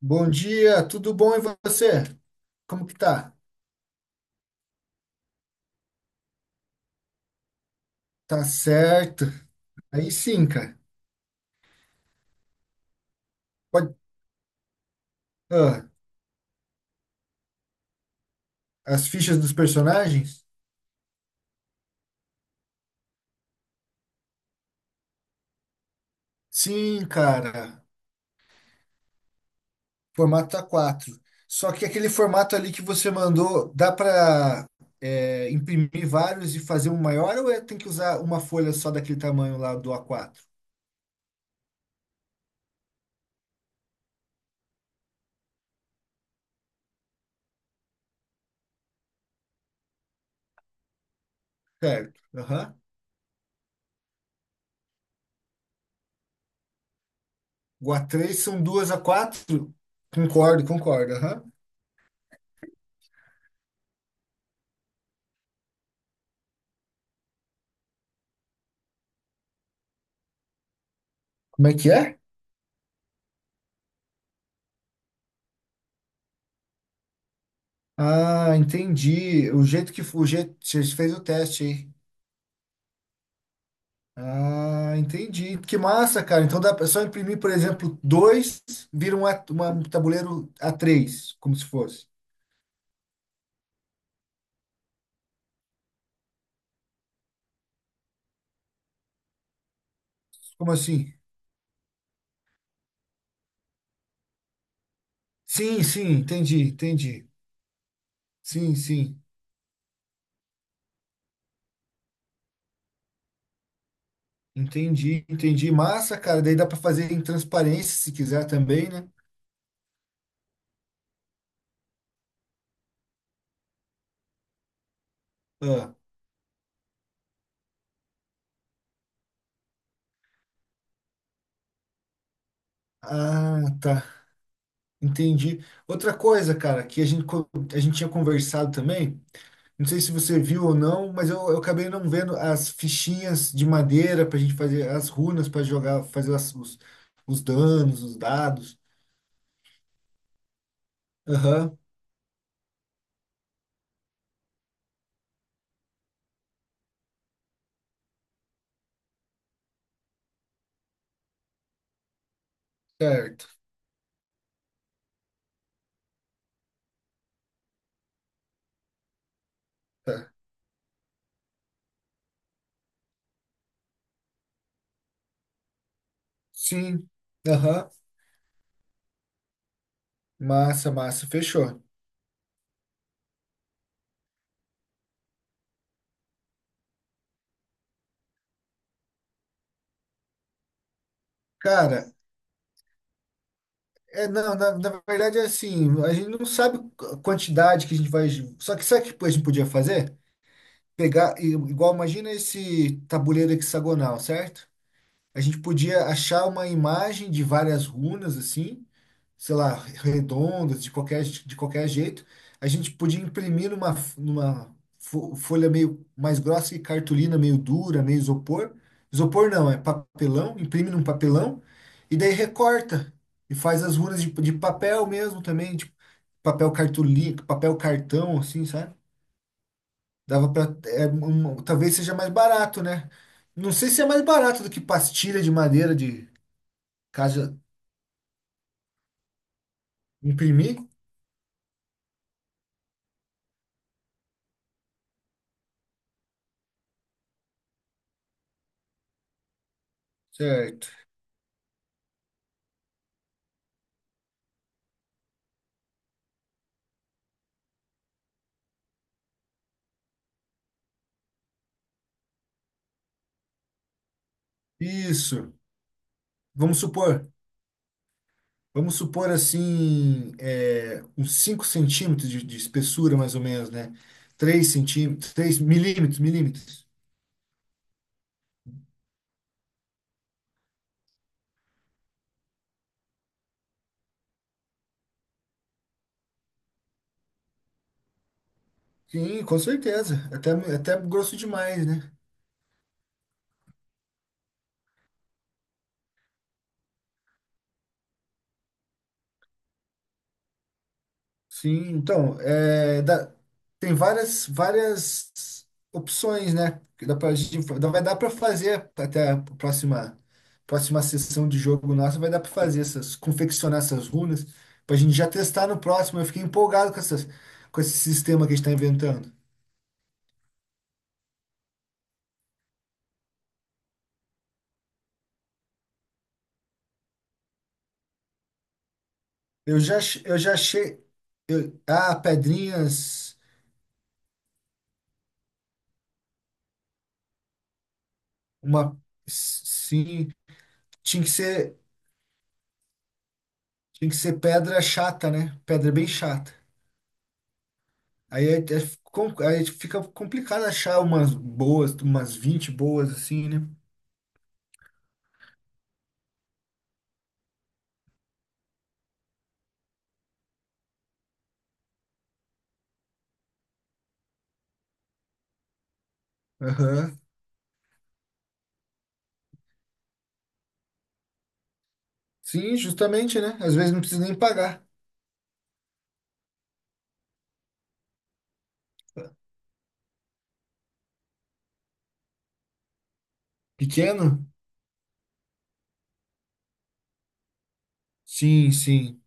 Bom dia, tudo bom e você? Como que tá? Tá certo. Aí sim, cara. Pode... ah, As fichas dos personagens? Sim, cara. Formato A4. Só que aquele formato ali que você mandou, dá pra imprimir vários e fazer um maior, ou tem que usar uma folha só daquele tamanho lá do A4? Certo. Aham. O A3 são duas A4. Concordo, concordo. Aham. Como é que é? Ah, entendi. O jeito você fez o teste, hein? Ah, entendi. Que massa, cara. Então dá pra só imprimir, por exemplo, dois, vira um, um tabuleiro A3, como se fosse. Como assim? Sim, sim, entendi, entendi. Sim, sim, entendi, entendi. Massa, cara. Daí dá pra fazer em transparência se quiser também, né? Ah, ah, tá. Entendi. Outra coisa, cara, que a gente tinha conversado também. Não sei se você viu ou não, mas eu acabei não vendo as fichinhas de madeira para a gente fazer as runas para jogar, fazer os danos, os dados. Aham, certo. Tá. Sim, aham. Massa, massa, fechou. Cara, não, na verdade é assim, a gente não sabe a quantidade que a gente vai. Só que sabe o que a gente podia fazer? Pegar, igual, imagina esse tabuleiro hexagonal, certo? A gente podia achar uma imagem de várias runas assim, sei lá, redondas, de qualquer jeito. A gente podia imprimir numa folha meio mais grossa e cartolina meio dura, meio isopor. Isopor não, é papelão, imprime num papelão e daí recorta e faz as runas de papel mesmo também, tipo papel cartolina, papel cartão assim, sabe? Dava para talvez seja mais barato, né? Não sei se é mais barato do que pastilha de madeira de. Caso imprimir, certo. Isso. Vamos supor, vamos supor assim, uns 5 centímetros de espessura, mais ou menos, né? 3 centímetros, 3 milímetros. Sim, com certeza. Até grosso demais, né? Sim, então, tem várias, várias opções, né? que Dá pra, gente- dá- Vai dar para fazer até a próxima, próxima sessão de jogo nossa, vai dar para fazer essas, confeccionar essas runas, para a gente já testar no próximo. Eu fiquei empolgado com essas, com esse sistema que a gente está inventando. Eu já achei, ah, pedrinhas, uma, sim, tinha que ser, tinha que ser pedra chata, né? Pedra bem chata. Aí é, é aí fica complicado achar umas boas, umas 20 boas assim, né? Aham. Sim, justamente, né? Às vezes não precisa nem pagar. Pequeno? Sim, sim.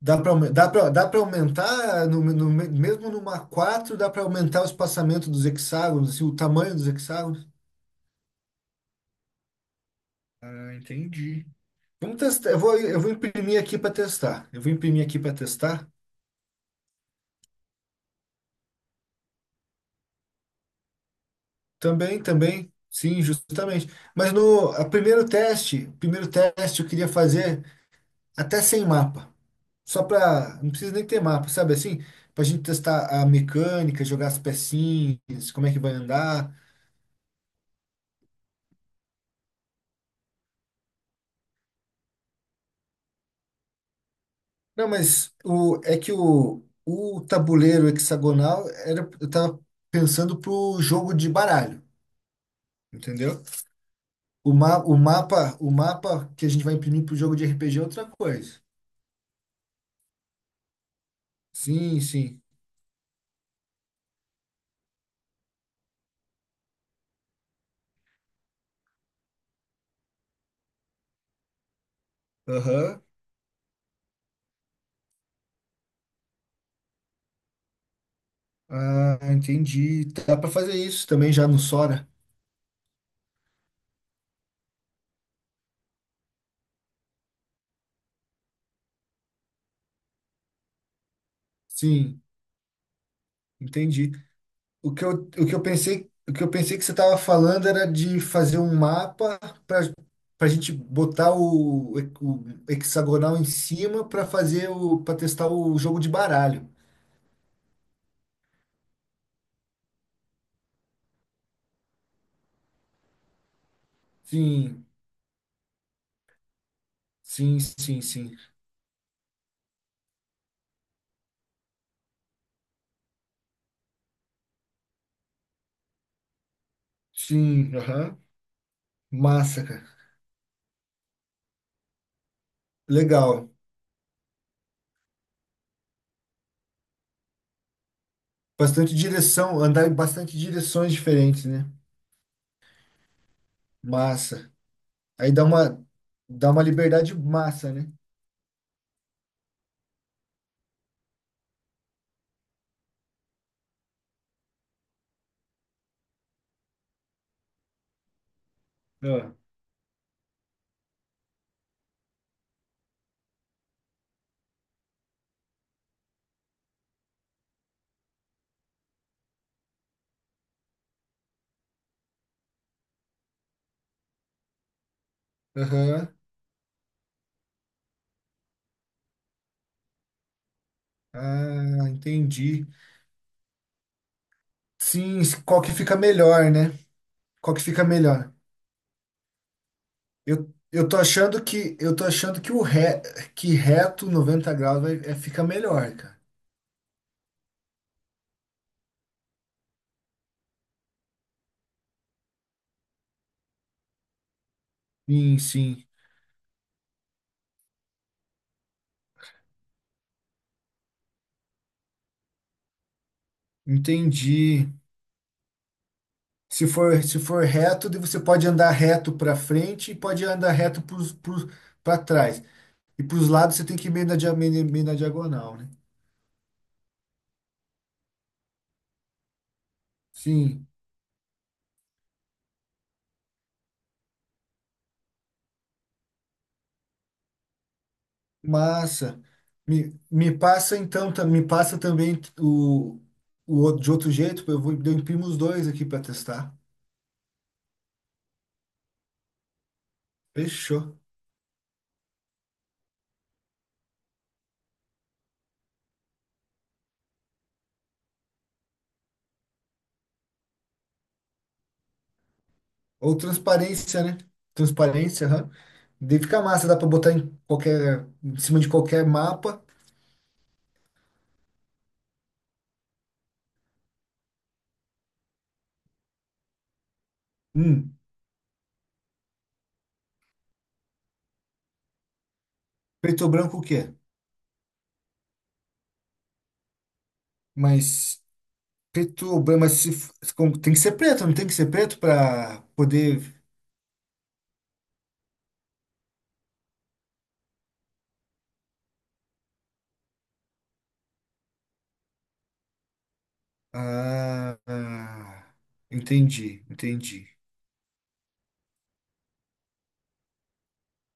Dá para aumentar mesmo numa 4 dá para aumentar o espaçamento dos hexágonos, assim, o tamanho dos hexágonos. Ah, entendi. Vamos testar. Eu vou imprimir aqui para testar. Eu vou imprimir aqui para testar. Também, também, sim, justamente. Mas no a primeiro teste eu queria fazer até sem mapa. Só para, não precisa nem ter mapa, sabe assim? Pra gente testar a mecânica, jogar as pecinhas, como é que vai andar. Não, mas o é que o tabuleiro hexagonal era eu tava pensando pro jogo de baralho, entendeu? O mapa que a gente vai imprimir pro jogo de RPG é outra coisa. Sim, sim. Aham. Ah, entendi. Dá para fazer isso também já no Sora? Sim, entendi. O que eu, o que eu pensei que você estava falando era de fazer um mapa para para a gente botar o hexagonal em cima para testar o jogo de baralho. Sim, sim, sim, sim. Sim, aham. Massa, cara. Legal. Bastante direção, andar em bastante direções diferentes, né? Massa. Aí dá uma liberdade massa, né? Ah, aham. Ah, entendi. Sim, qual que fica melhor, né? Qual que fica melhor? Eu tô achando que eu tô achando que reto 90 graus fica melhor, cara. Sim, sim. Entendi. Se for reto, daí você pode andar reto para frente e pode andar reto para trás. E para os lados você tem que ir meio na diagonal, né? Sim. Massa. Me passa então, me passa também o outro, de outro jeito, eu imprimo os dois aqui para testar. Fechou. Ou transparência, né? Transparência, aham. Daí fica massa, dá para botar em cima de qualquer mapa. Hum, Preto ou branco o quê? Mas preto ou branco, mas se, f- se com- tem que ser preto, não tem que ser preto para poder. Ah, ah, entendi, entendi.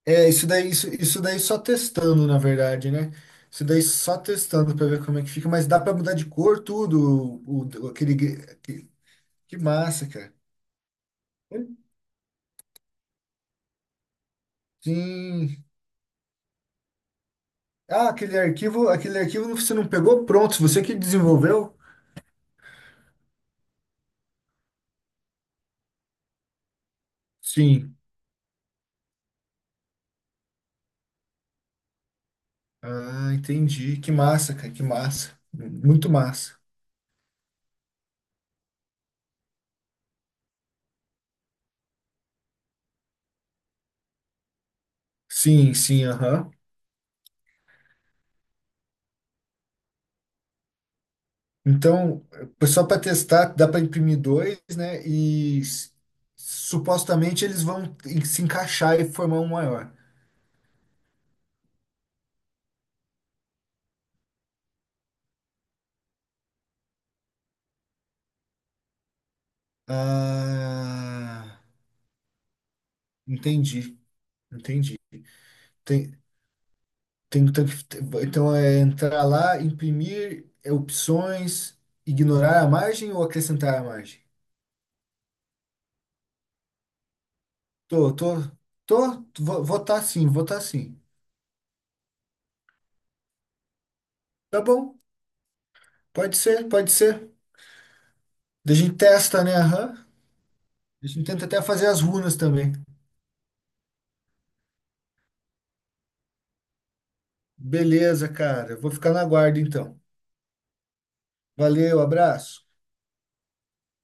É, isso daí, isso daí só testando, na verdade, né? Isso daí só testando para ver como é que fica, mas dá para mudar de cor tudo, que, que massa, cara. Sim. Ah, aquele arquivo você não pegou pronto, você que desenvolveu? Sim. Ah, entendi. Que massa, cara, que massa. Muito massa. Sim, sim, aham. Então, só para testar, dá para imprimir dois, né? E supostamente eles vão se encaixar e formar um maior. Ah, entendi, entendi. Tem, tem, um tanque- então é entrar lá, imprimir, opções, ignorar a margem ou acrescentar a margem? Tô, tô, tô, vou tá sim, vou tá sim. Tá bom, pode ser, pode ser. Daí a gente testa, né? Aham. A gente tenta até fazer as runas também. Beleza, cara. Eu vou ficar na guarda então. Valeu, abraço.